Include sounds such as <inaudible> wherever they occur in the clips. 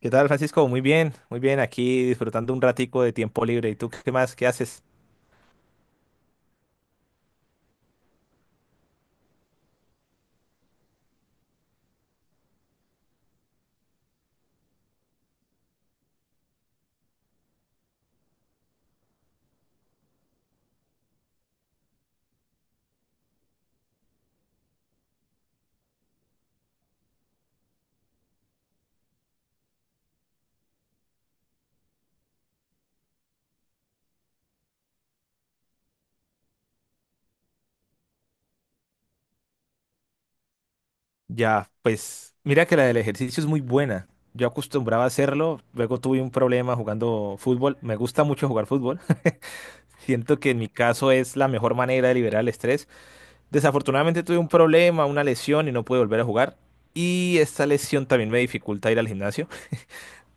¿Qué tal, Francisco? Muy bien, aquí disfrutando un ratico de tiempo libre. ¿Y tú qué más? ¿Qué haces? Ya, pues mira que la del ejercicio es muy buena. Yo acostumbraba a hacerlo, luego tuve un problema jugando fútbol. Me gusta mucho jugar fútbol. <laughs> Siento que en mi caso es la mejor manera de liberar el estrés. Desafortunadamente tuve un problema, una lesión y no pude volver a jugar. Y esta lesión también me dificulta ir al gimnasio.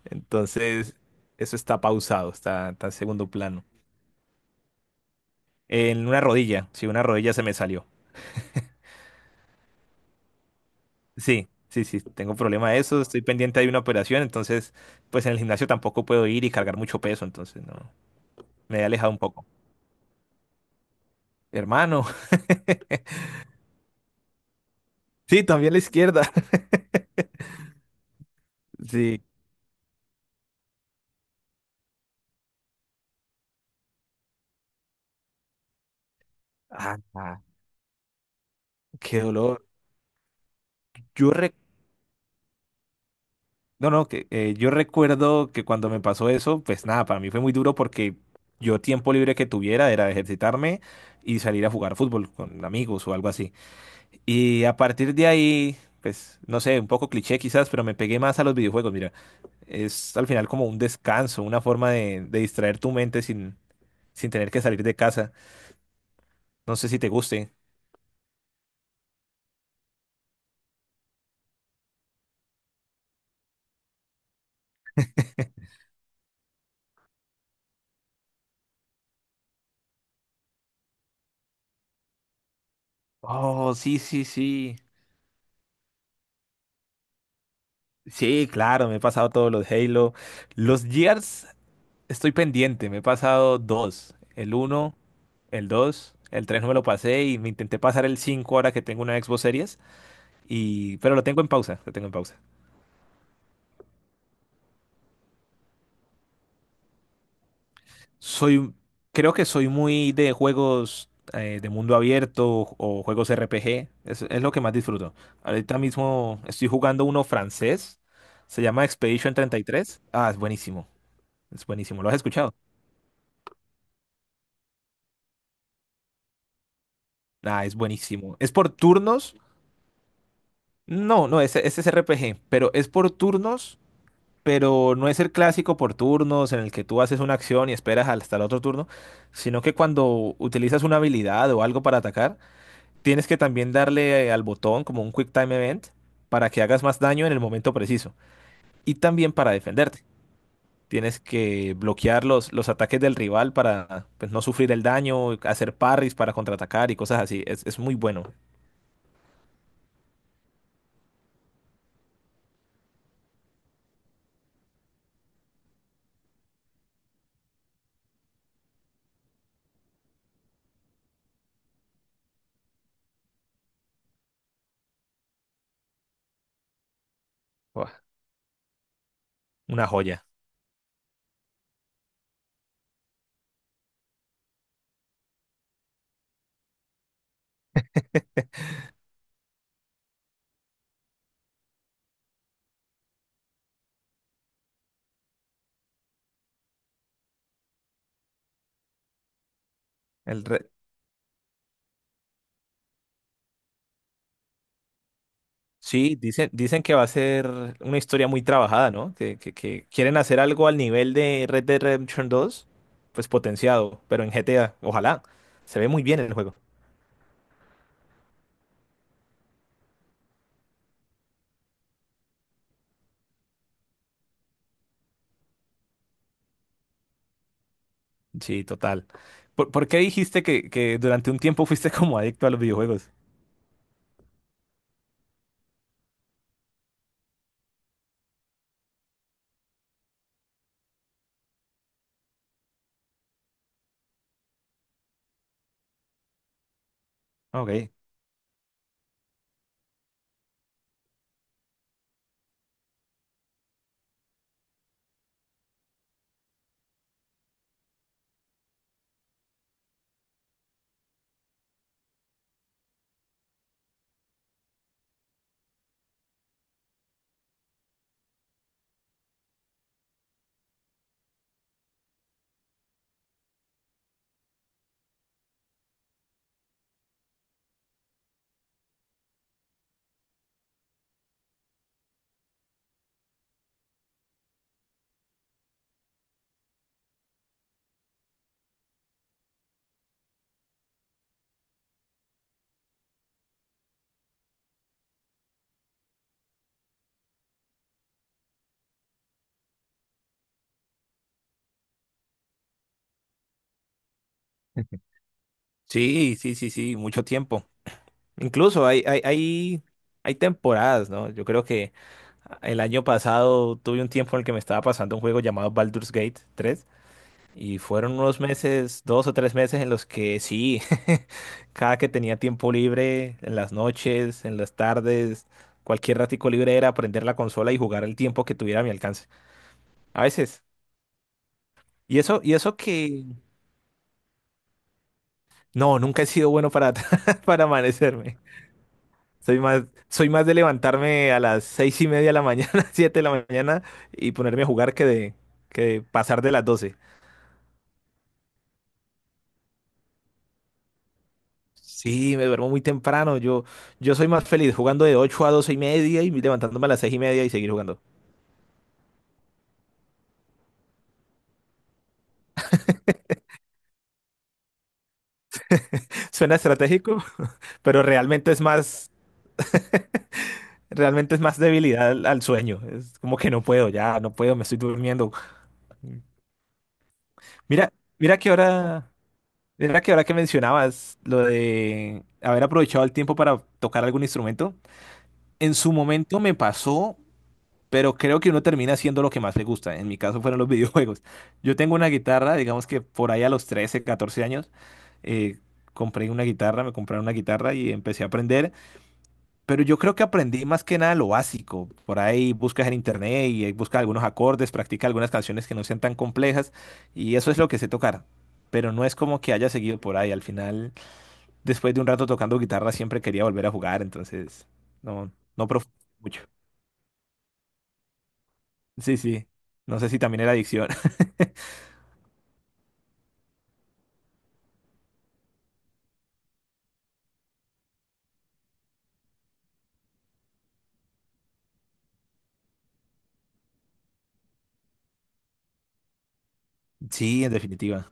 Entonces, eso está pausado, está en segundo plano. En una rodilla, sí, una rodilla se me salió. Sí, sí, sí, tengo problema de eso, estoy pendiente de una operación, entonces, pues en el gimnasio tampoco puedo ir y cargar mucho peso, entonces no, me he alejado un poco. Hermano, <laughs> sí, también la izquierda. <laughs> Sí. Ah, ah, qué dolor. Yo re- no, no, que yo recuerdo que cuando me pasó eso, pues nada, para mí fue muy duro porque yo tiempo libre que tuviera era ejercitarme y salir a jugar fútbol con amigos o algo así. Y a partir de ahí, pues, no sé, un poco cliché quizás, pero me pegué más a los videojuegos. Mira, es al final como un descanso, una forma de distraer tu mente sin tener que salir de casa. No sé si te guste. Oh, sí, sí, sí. Sí, claro, me he pasado todos los Halo. Los Gears, estoy pendiente, me he pasado dos. El uno, el dos, el tres no me lo pasé y me intenté pasar el cinco ahora que tengo una Xbox Series. Pero lo tengo en pausa, lo tengo en pausa. Soy, Creo que soy muy de juegos de mundo abierto o juegos RPG. Es lo que más disfruto. Ahorita mismo estoy jugando uno francés. Se llama Expedition 33. Ah, es buenísimo. Es buenísimo. ¿Lo has escuchado? Ah, es buenísimo. ¿Es por turnos? No, no, ese es RPG, pero es por turnos, pero no es el clásico por turnos en el que tú haces una acción y esperas hasta el otro turno, sino que cuando utilizas una habilidad o algo para atacar, tienes que también darle al botón como un Quick Time Event para que hagas más daño en el momento preciso y también para defenderte. Tienes que bloquear los ataques del rival para pues, no sufrir el daño, hacer parries para contraatacar y cosas así. Es muy bueno. Buah, una joya. <laughs> El re- Sí, dicen que va a ser una historia muy trabajada, ¿no? Que quieren hacer algo al nivel de Red Dead Redemption 2, pues potenciado, pero en GTA, ojalá. Se ve muy bien el juego. Sí, total. ¿Por qué dijiste que durante un tiempo fuiste <laughs> como adicto a los videojuegos? Ok. <laughs> Sí, sí, sí, sí, mucho tiempo. Incluso hay temporadas, ¿no? Yo creo que el año pasado tuve un tiempo en el que me estaba pasando un juego llamado Baldur's Gate 3 y fueron unos meses, 2 o 3 meses en los que sí, <laughs> cada que tenía tiempo libre, en las noches, en las tardes, cualquier ratico libre era prender la consola y jugar el tiempo que tuviera a mi alcance. A veces. Y eso que no, nunca he sido bueno para, <laughs> para amanecerme. Soy más de levantarme a las 6:30 de la mañana, <laughs> 7 de la mañana y ponerme a jugar que de pasar de las 12. Sí, me duermo muy temprano. Yo soy más feliz jugando de 8 a 12:30 y levantándome a las 6:30 y seguir jugando. <laughs> Suena estratégico, <laughs> pero realmente es más debilidad al sueño. Es como que no puedo, ya no puedo, me estoy durmiendo. Mira, mira que ahora. Mira que ahora que mencionabas lo de haber aprovechado el tiempo para tocar algún instrumento, en su momento me pasó, pero creo que uno termina haciendo lo que más le gusta. En mi caso fueron los <laughs> videojuegos. Yo tengo una guitarra, digamos que por ahí a los 13 14 años, eh, compré una guitarra, me compraron una guitarra y empecé a aprender, pero yo creo que aprendí más que nada lo básico. Por ahí buscas en internet y buscas algunos acordes, practica algunas canciones que no sean tan complejas y eso es lo que sé tocar. Pero no es como que haya seguido por ahí. Al final después de un rato tocando guitarra siempre quería volver a jugar, entonces no profundicé mucho. Sí, sí. No sé si también era adicción. <laughs> Sí, en definitiva.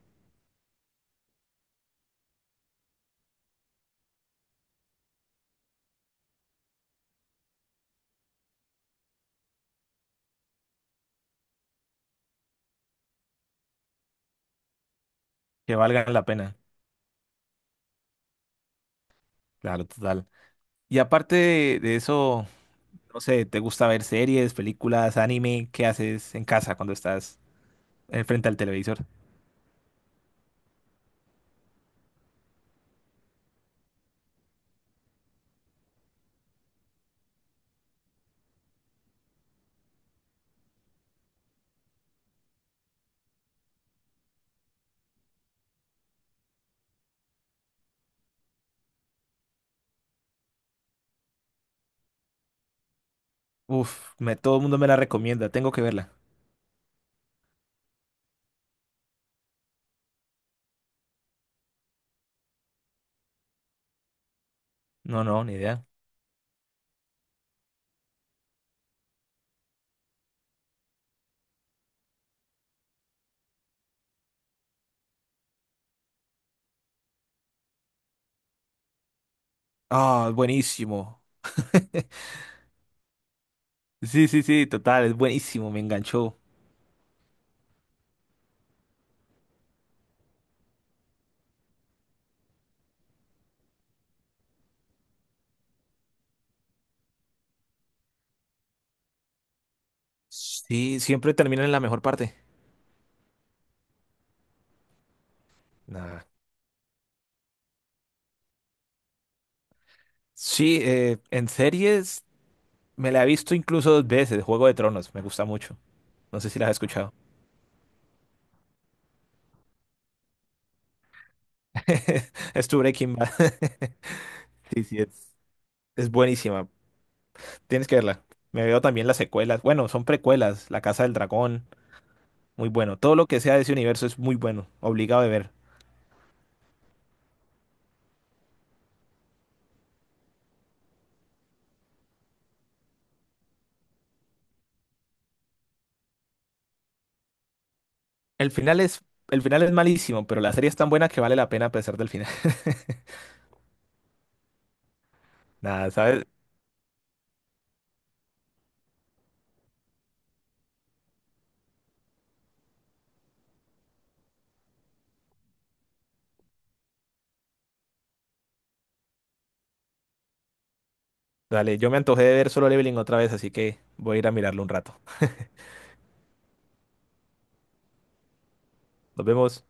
Que valga la pena. Claro, total. Y aparte de eso, no sé, ¿te gusta ver series, películas, anime? ¿Qué haces en casa cuando estás frente al televisor? Uf, todo el mundo me la recomienda. Tengo que verla. No, no, ni idea. Ah, buenísimo. <laughs> Sí, sí, sí, total, es buenísimo, me enganchó. Sí, siempre termina en la mejor parte. Nah. Sí, en series me la he visto incluso dos veces, Juego de Tronos, me gusta mucho. No sé si la has escuchado. <laughs> Es tu Breaking Bad. <laughs> Sí, sí, es buenísima. Tienes que verla. Me veo también las secuelas. Bueno, son precuelas. La Casa del Dragón, muy bueno. Todo lo que sea de ese universo es muy bueno. Obligado de ver. El final es malísimo, pero la serie es tan buena que vale la pena a pesar del final. <laughs> Nada, ¿sabes? Dale, yo me antojé de ver Solo Leveling otra vez, así que voy a ir a mirarlo un rato. Nos vemos.